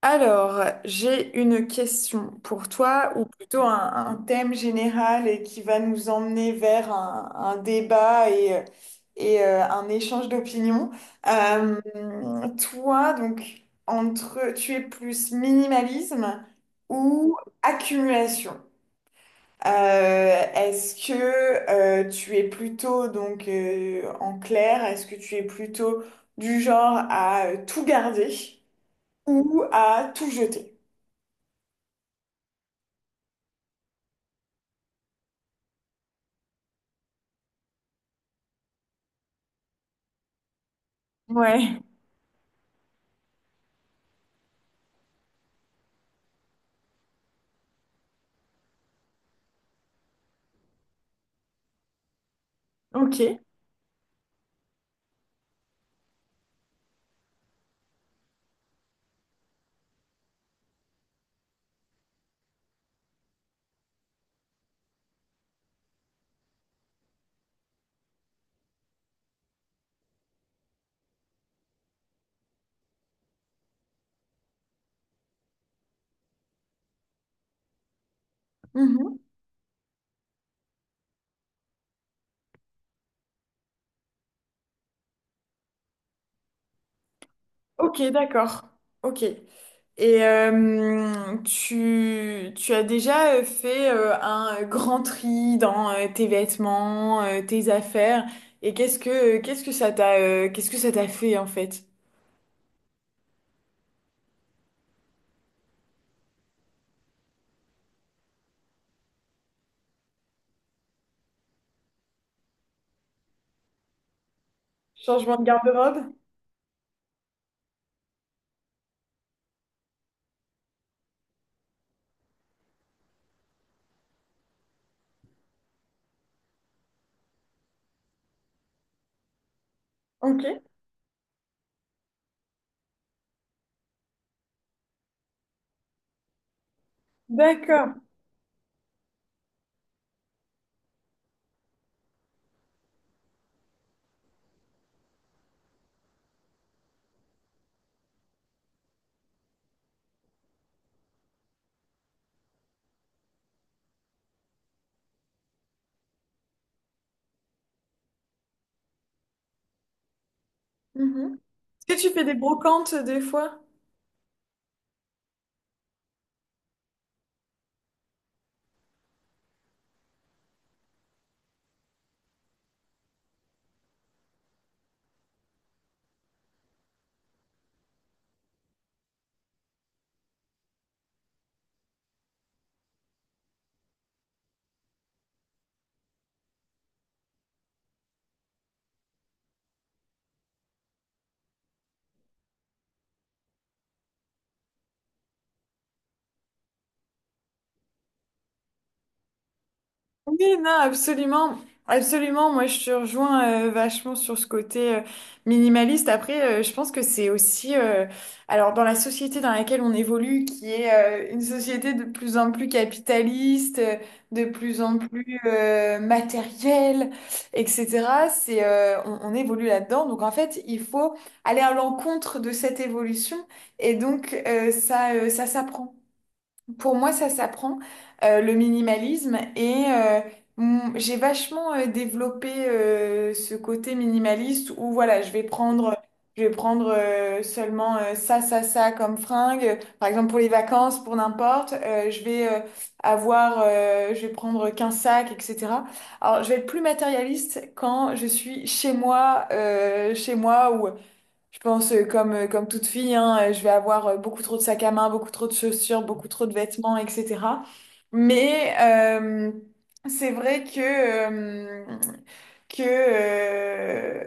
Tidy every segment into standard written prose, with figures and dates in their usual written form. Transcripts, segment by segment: Alors, j'ai une question pour toi, ou plutôt un thème général et qui va nous emmener vers un débat et un échange d'opinions. Euh, Toi, donc, entre, tu es plus minimalisme ou accumulation? Est-ce que tu es plutôt, donc, en clair, est-ce que tu es plutôt du genre à tout garder ou à tout jeter? Ouais, ok. Mhm. Ok, d'accord. Ok. Et tu as déjà fait un grand tri dans tes vêtements, tes affaires, et qu'est-ce que ça t'a fait en fait? Changement de garde-robe? Ok. D'accord. Mhm. Est-ce que tu fais des brocantes des fois? Oui, non, absolument. Absolument, moi je te rejoins vachement sur ce côté minimaliste. Après, je pense que c'est aussi, alors dans la société dans laquelle on évolue, qui est une société de plus en plus capitaliste, de plus en plus matérielle, etc. C'est, on évolue là-dedans. Donc en fait, il faut aller à l'encontre de cette évolution et donc ça, ça s'apprend. Pour moi, ça s'apprend, le minimalisme. Et j'ai vachement développé ce côté minimaliste où voilà, je vais prendre seulement ça, ça, ça comme fringue. Par exemple, pour les vacances, pour n'importe, je vais je vais prendre qu'un sac, etc. Alors, je vais être plus matérialiste quand je suis chez moi je pense comme, comme toute fille, hein, je vais avoir beaucoup trop de sacs à main, beaucoup trop de chaussures, beaucoup trop de vêtements, etc. Mais c'est vrai euh, que euh,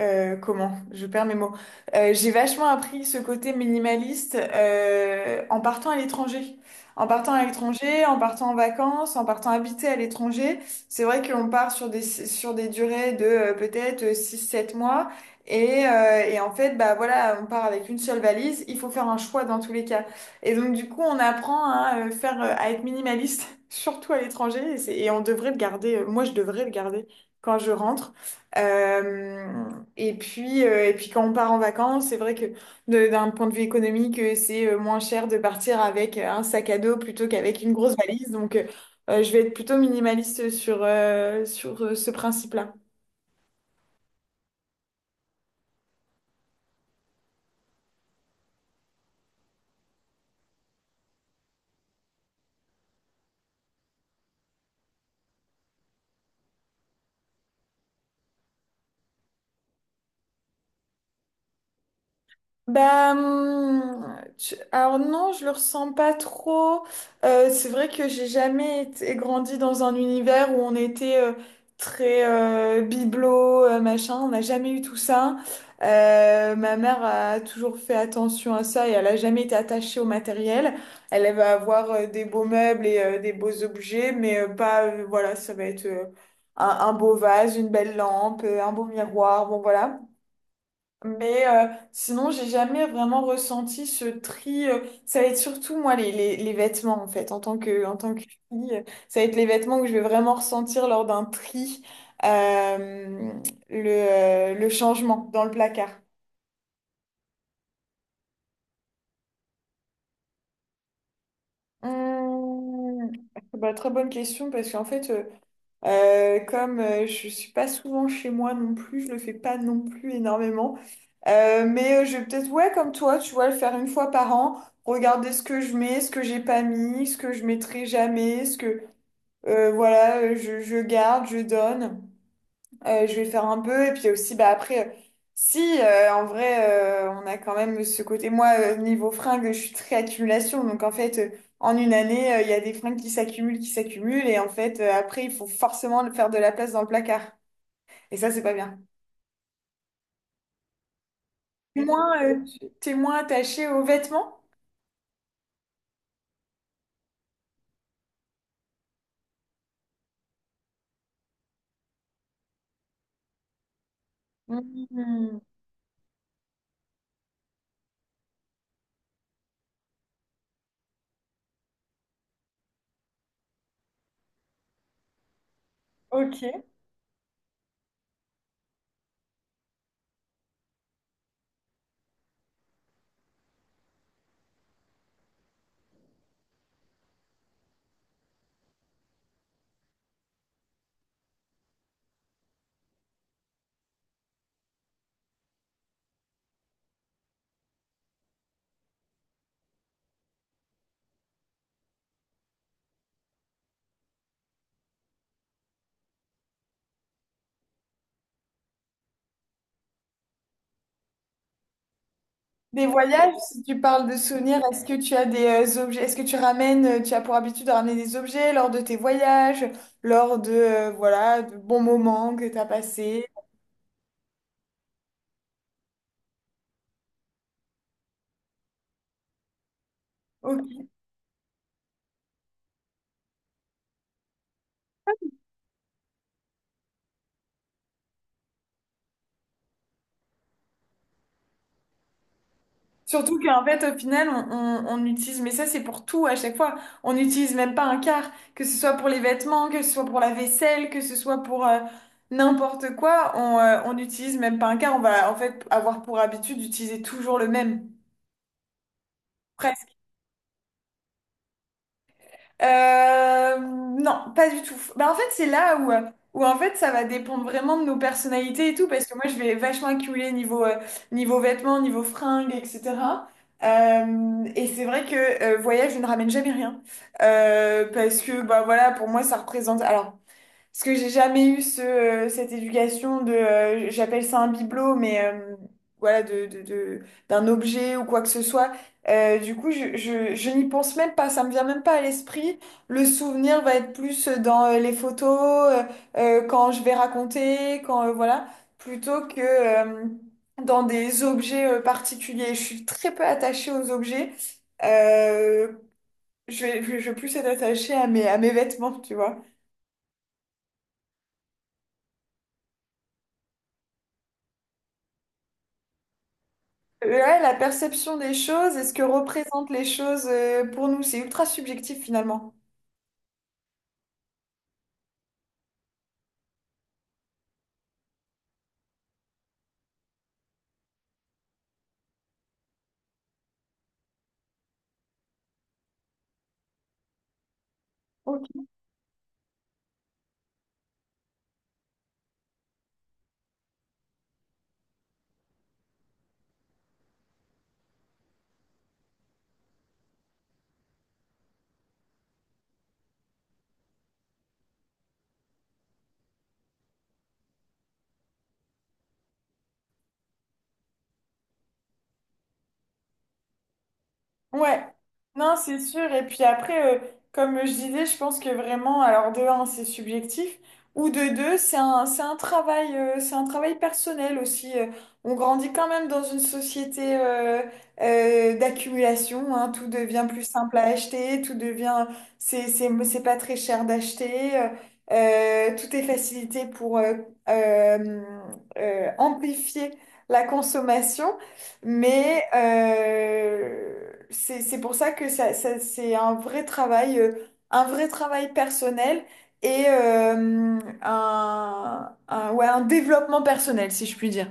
euh, comment? Je perds mes mots. J'ai vachement appris ce côté minimaliste en partant à l'étranger. En partant à l'étranger, en partant en vacances, en partant habiter à l'étranger, c'est vrai qu'on part sur des durées de peut-être 6 7 mois. Et en fait, bah voilà, on part avec une seule valise. Il faut faire un choix dans tous les cas. Et donc, du coup, on apprend à faire, à être minimaliste, surtout à l'étranger. Et on devrait le garder. Moi, je devrais le garder quand je rentre. Euh, et puis, et puis quand on part en vacances, c'est vrai que d'un point de vue économique, c'est moins cher de partir avec un sac à dos plutôt qu'avec une grosse valise. Donc, je vais être plutôt minimaliste sur, sur ce principe-là. Bah, alors non, je le ressens pas trop. C'est vrai que j'ai jamais été grandi dans un univers où on était très bibelot, machin. On n'a jamais eu tout ça. Ma mère a toujours fait attention à ça et elle a jamais été attachée au matériel. Elle va avoir des beaux meubles et des beaux objets, mais pas, voilà, ça va être un beau vase, une belle lampe, un beau miroir, bon voilà. Mais sinon, j'ai jamais vraiment ressenti ce tri. Ça va être surtout, moi, les vêtements, en fait, en tant que fille. Ça va être les vêtements que je vais vraiment ressentir lors d'un tri, euh, le changement dans le placard. Hum, bah, très bonne question, parce qu'en fait, comme je suis pas souvent chez moi non plus, je le fais pas non plus énormément. Je vais peut-être, ouais, comme toi, tu vois, le faire une fois par an, regarder ce que je mets, ce que j'ai pas mis, ce que je mettrai jamais, ce que, voilà, je garde, je donne. Je vais faire un peu. Et puis aussi, bah, après, si, en vrai, on a quand même ce côté. Moi, niveau fringues, je suis très accumulation. Donc, en fait, en une année, il y a des fringues qui s'accumulent, qui s'accumulent. Et en fait, après, il faut forcément faire de la place dans le placard. Et ça, c'est pas bien. T'es moins, t'es moins attaché aux vêtements? Mhm. Ok. Des voyages, si tu parles de souvenirs, est-ce que tu as des objets, est-ce que tu ramènes, tu as pour habitude de ramener des objets lors de tes voyages, lors de, voilà, de bons moments que tu as passés? Ok. Surtout qu'en fait, au final, on utilise, mais ça c'est pour tout à chaque fois, on n'utilise même pas un quart, que ce soit pour les vêtements, que ce soit pour la vaisselle, que ce soit pour n'importe quoi, on n'utilise même pas un quart, on va en fait avoir pour habitude d'utiliser toujours le même. Non, pas du tout. Bah, en fait, c'est là où, où en fait, ça va dépendre vraiment de nos personnalités et tout, parce que moi, je vais vachement accumuler niveau, niveau vêtements, niveau fringues, etc. Et c'est vrai que voyage, je ne ramène jamais rien. Parce que, bah voilà, pour moi, ça représente... Alors, parce que j'ai jamais eu ce, cette éducation de, j'appelle ça un bibelot, mais voilà, d'un objet ou quoi que ce soit. Du coup, je n'y pense même pas, ça me vient même pas à l'esprit. Le souvenir va être plus dans les photos, euh, quand je vais raconter, quand, voilà, plutôt que dans des objets particuliers. Je suis très peu attachée aux objets. Euh, je vais je vais plus être attachée à mes vêtements, tu vois. Ouais, la perception des choses et ce que représentent les choses pour nous, c'est ultra subjectif finalement. Ouais, non, c'est sûr. Et puis après, comme je disais, je pense que vraiment, alors de un, c'est subjectif, ou de deux, c'est un travail personnel aussi. On grandit quand même dans une société d'accumulation, hein. Tout devient plus simple à acheter, tout devient, c'est pas très cher d'acheter, tout est facilité pour euh, amplifier la consommation. Mais c'est pour ça que c'est un vrai travail personnel et un, ouais, un développement personnel, si je puis dire.